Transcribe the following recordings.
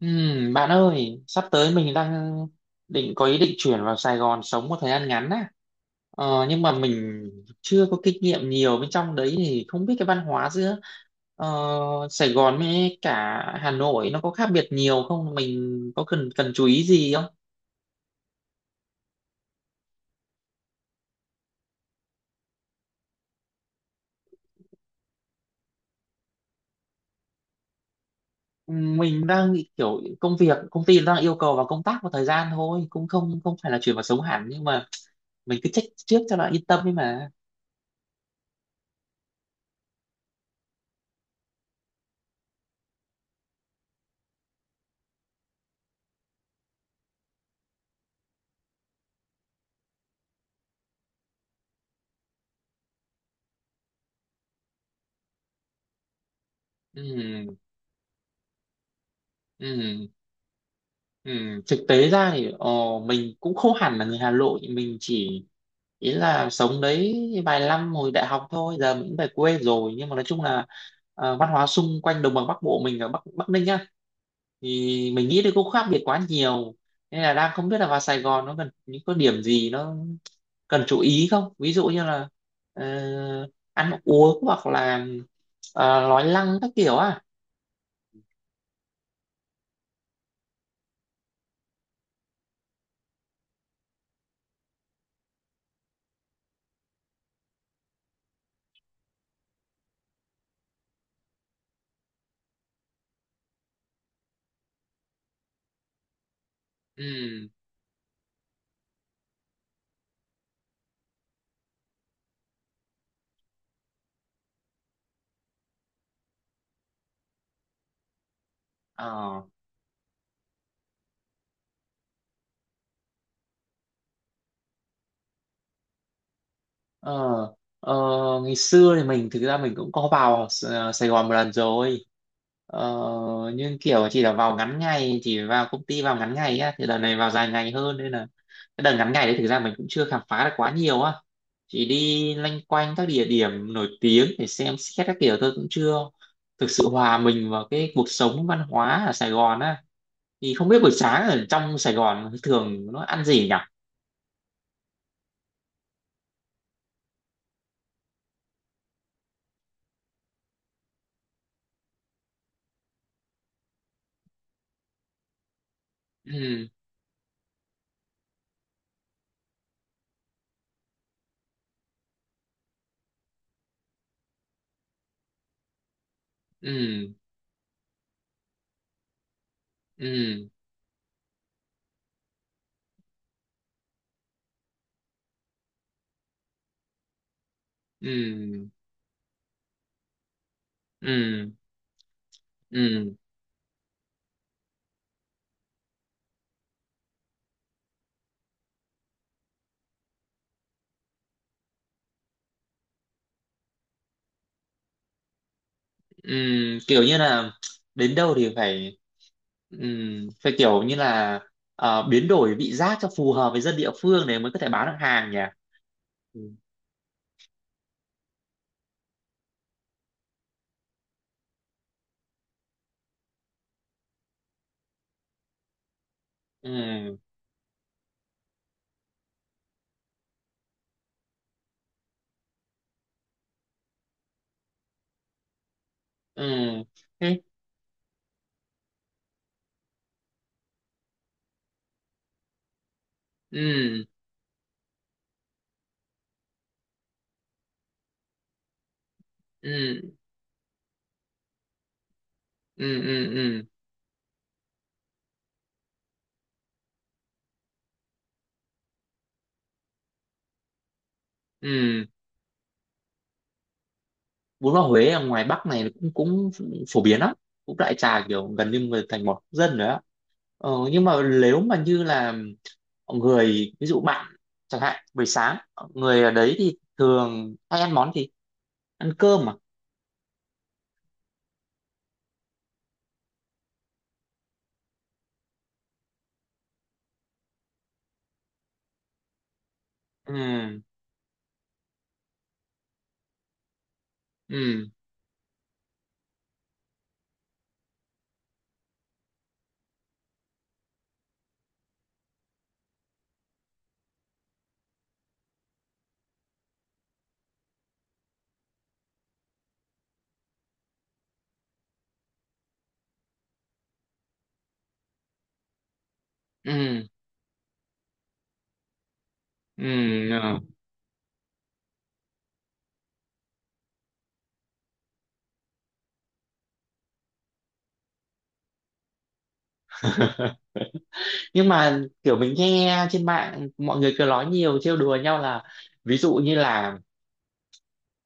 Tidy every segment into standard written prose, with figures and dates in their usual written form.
Bạn ơi, sắp tới mình đang định có ý định chuyển vào Sài Gòn sống một thời gian ngắn á. Nhưng mà mình chưa có kinh nghiệm nhiều bên trong đấy thì không biết cái văn hóa giữa ờ, Sài Gòn với cả Hà Nội nó có khác biệt nhiều không? Mình có cần cần chú ý gì không? Mình đang nghĩ kiểu công việc công ty đang yêu cầu vào công tác một thời gian thôi, cũng không không phải là chuyển vào sống hẳn nhưng mà mình cứ check trước cho nó yên tâm ấy mà. Ừ. Ừ. Thực tế ra thì mình cũng không hẳn là người Hà Nội, mình chỉ ý là sống đấy vài năm hồi đại học thôi, giờ mình cũng về quê rồi, nhưng mà nói chung là văn hóa xung quanh đồng bằng Bắc Bộ, mình ở Bắc Bắc Ninh á thì mình nghĩ thì cũng khác biệt quá nhiều, nên là đang không biết là vào Sài Gòn nó cần những có điểm gì nó cần chú ý không, ví dụ như là ờ, ăn uống hoặc là nói năng các kiểu à. Ừ. Ờ. Ờ, ờ, ngày xưa thì mình thực ra mình cũng có vào Sài Gòn một lần rồi, ờ, nhưng kiểu chỉ là vào ngắn ngày, chỉ vào công ty vào ngắn ngày á, thì lần này vào dài ngày hơn nên là cái đợt ngắn ngày đấy thực ra mình cũng chưa khám phá được quá nhiều á, chỉ đi loanh quanh các địa điểm nổi tiếng để xem xét các kiểu thôi, cũng chưa thực sự hòa mình vào cái cuộc sống văn hóa ở Sài Gòn á, thì không biết buổi sáng ở trong Sài Gòn thường nó ăn gì nhỉ. Ừ. Ừ. Ừ. Ừ. Ừ. Ừ. Ừ. Kiểu như là đến đâu thì ừ, phải kiểu như là biến đổi vị giác cho phù hợp với dân địa phương để mới có thể bán được hàng nhỉ. Ừ. Ừ. Ừ. Thế. Ừ. Ừ. Ừ. Ừ. Ừ. Ừ. Bún bò Huế ở ngoài Bắc này cũng cũng phổ biến lắm, cũng đại trà kiểu gần như người thành một dân rồi á, nhưng mà nếu mà như là người ví dụ bạn chẳng hạn buổi sáng người ở đấy thì thường hay ăn món gì, ăn cơm à? Ừ. Ừ. Ừ. Ừ. Ừ. Nhưng mà kiểu mình nghe trên mạng mọi người cứ nói nhiều trêu đùa nhau là ví dụ như là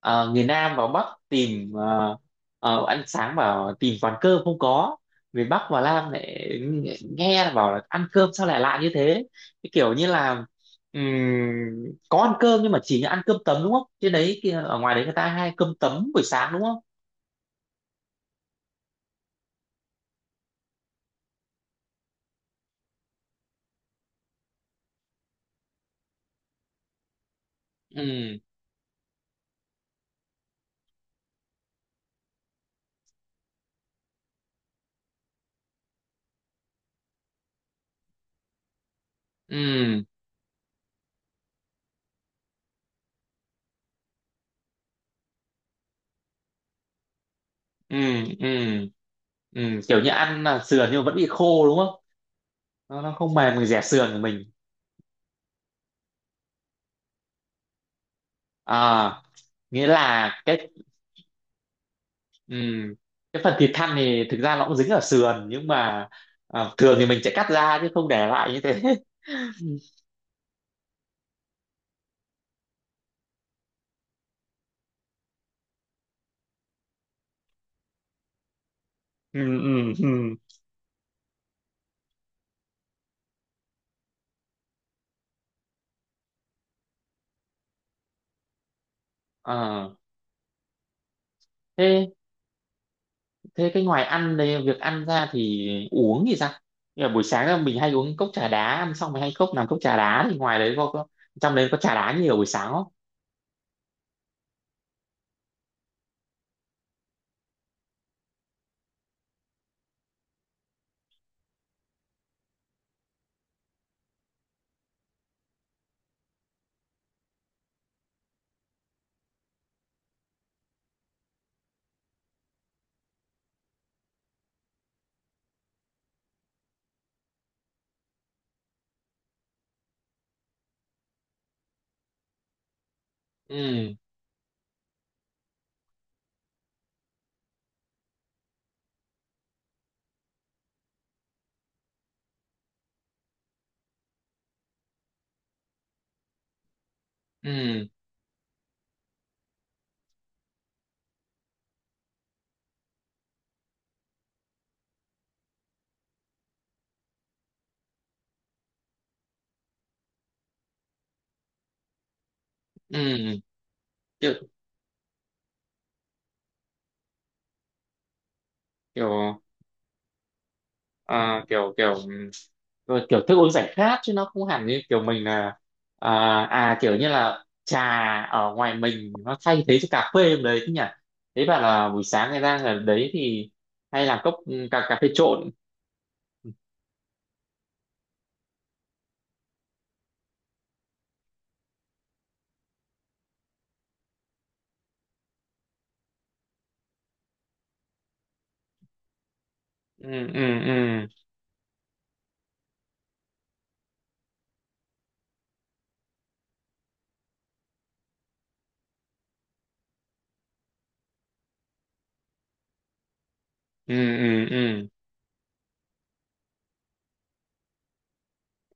Ờ, người Nam vào Bắc tìm ăn sáng bảo tìm quán cơm không có, người Bắc vào Nam lại nghe là bảo là ăn cơm sao lại lạ như thế, cái kiểu như là ừm, có ăn cơm nhưng mà chỉ ăn cơm tấm đúng không, trên đấy kia ở ngoài đấy người ta hay cơm tấm buổi sáng đúng không? Ừ. Ừ. Ừ. Ừ. Ừ. Kiểu như ăn là sườn nhưng mà vẫn bị khô đúng không, nó không mềm mình dẻ sườn của mình. À nghĩa là cái. Ừ. Cái phần thịt thăn thì thực ra nó cũng dính ở sườn nhưng mà à, thường thì mình sẽ cắt ra chứ không để lại như thế. Ừ. Ừ. Ừ. Ờ, thế thế cái ngoài ăn đây việc ăn ra thì uống thì sao? Như là buổi sáng là mình hay uống cốc trà đá, ăn xong mình hay cốc làm cốc trà đá thì ngoài đấy có trong đấy có trà đá nhiều buổi sáng không? Ừ. Ừ. Ừ. Kiểu, kiểu à, kiểu kiểu rồi kiểu thức uống giải khát chứ nó không hẳn như kiểu mình là à, à kiểu như là trà ở ngoài mình nó thay thế cho cà phê đấy chứ nhỉ. Thế bảo là buổi sáng người ta ở đấy thì hay làm cốc cà cà phê trộn. Ừ. Ừ. Ừ. Ừ. Ừ. Ừ.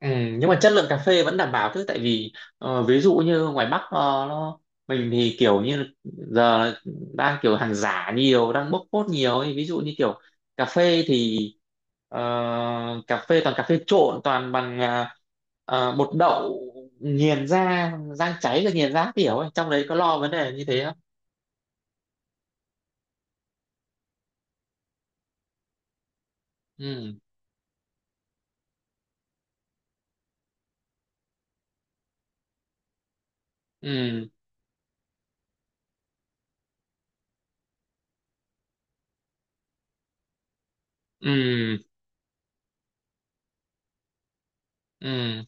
Ừ, nhưng mà chất lượng cà phê vẫn đảm bảo chứ tại vì ví dụ như ngoài Bắc nó mình thì kiểu như giờ là đang kiểu hàng giả nhiều đang bốc phốt nhiều ấy. Ví dụ như kiểu cà phê thì ờ, cà phê toàn cà phê trộn toàn bằng bột đậu nghiền ra rang cháy rồi nghiền ra kiểu ấy, trong đấy có lo vấn đề như thế không? Ừ. Ừ. Ừ. Ừ.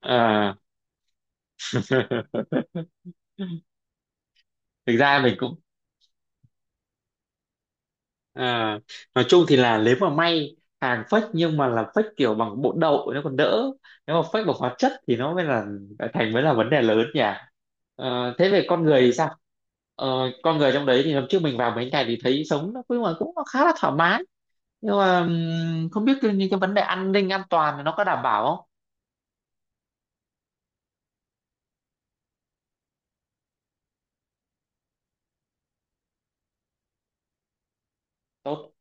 Ờ. Thực ra mình cũng. À, nói chung thì là nếu mà may, hàng fake nhưng mà là fake kiểu bằng bột đậu thì nó còn đỡ, nếu mà fake bằng hóa chất thì nó mới là thành mới là vấn đề lớn nhỉ. Thế về con người thì sao? Ờ, con người trong đấy thì hôm trước mình vào mấy ngày thì thấy sống nó cũng cũng khá là thoải mái, nhưng mà không biết những cái vấn đề an ninh an toàn thì nó có đảm bảo không? Tốt.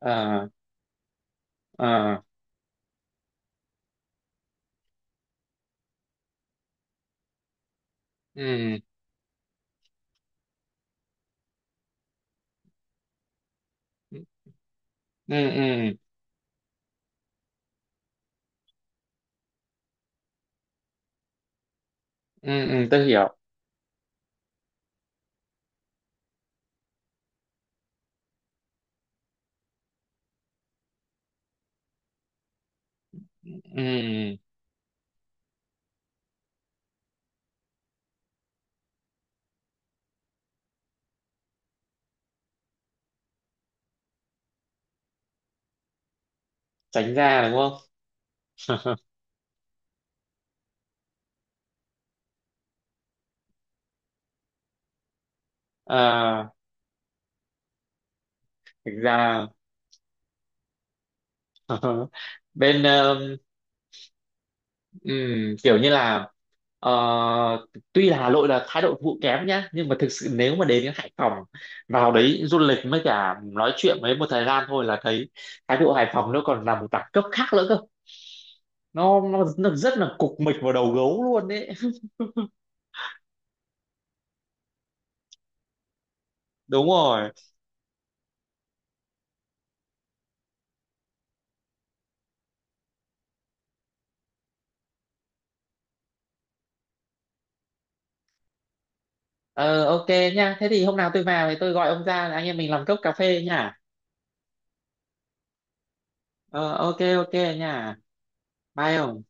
Ờ. Ờ. Ừ. Ừ. Ừ. Ừ. Ừ, tôi hiểu. Ừ. Tránh ra đúng không? Ờ, thực ra. Ờ, bên kiểu như là ờ, tuy là Hà Nội là thái độ phục vụ kém nhá, nhưng mà thực sự nếu mà đến đến Hải Phòng vào đấy du lịch với cả nói chuyện với một thời gian thôi là thấy thái độ Hải Phòng nó còn là một đẳng cấp khác nữa cơ, nó rất là cục mịch vào đầu gấu luôn đấy. Đúng rồi. Ờ, ok nha, thế thì hôm nào tôi vào thì tôi gọi ông ra anh em mình làm cốc cà phê nha. Ờ, ok ok nha. Bye ông.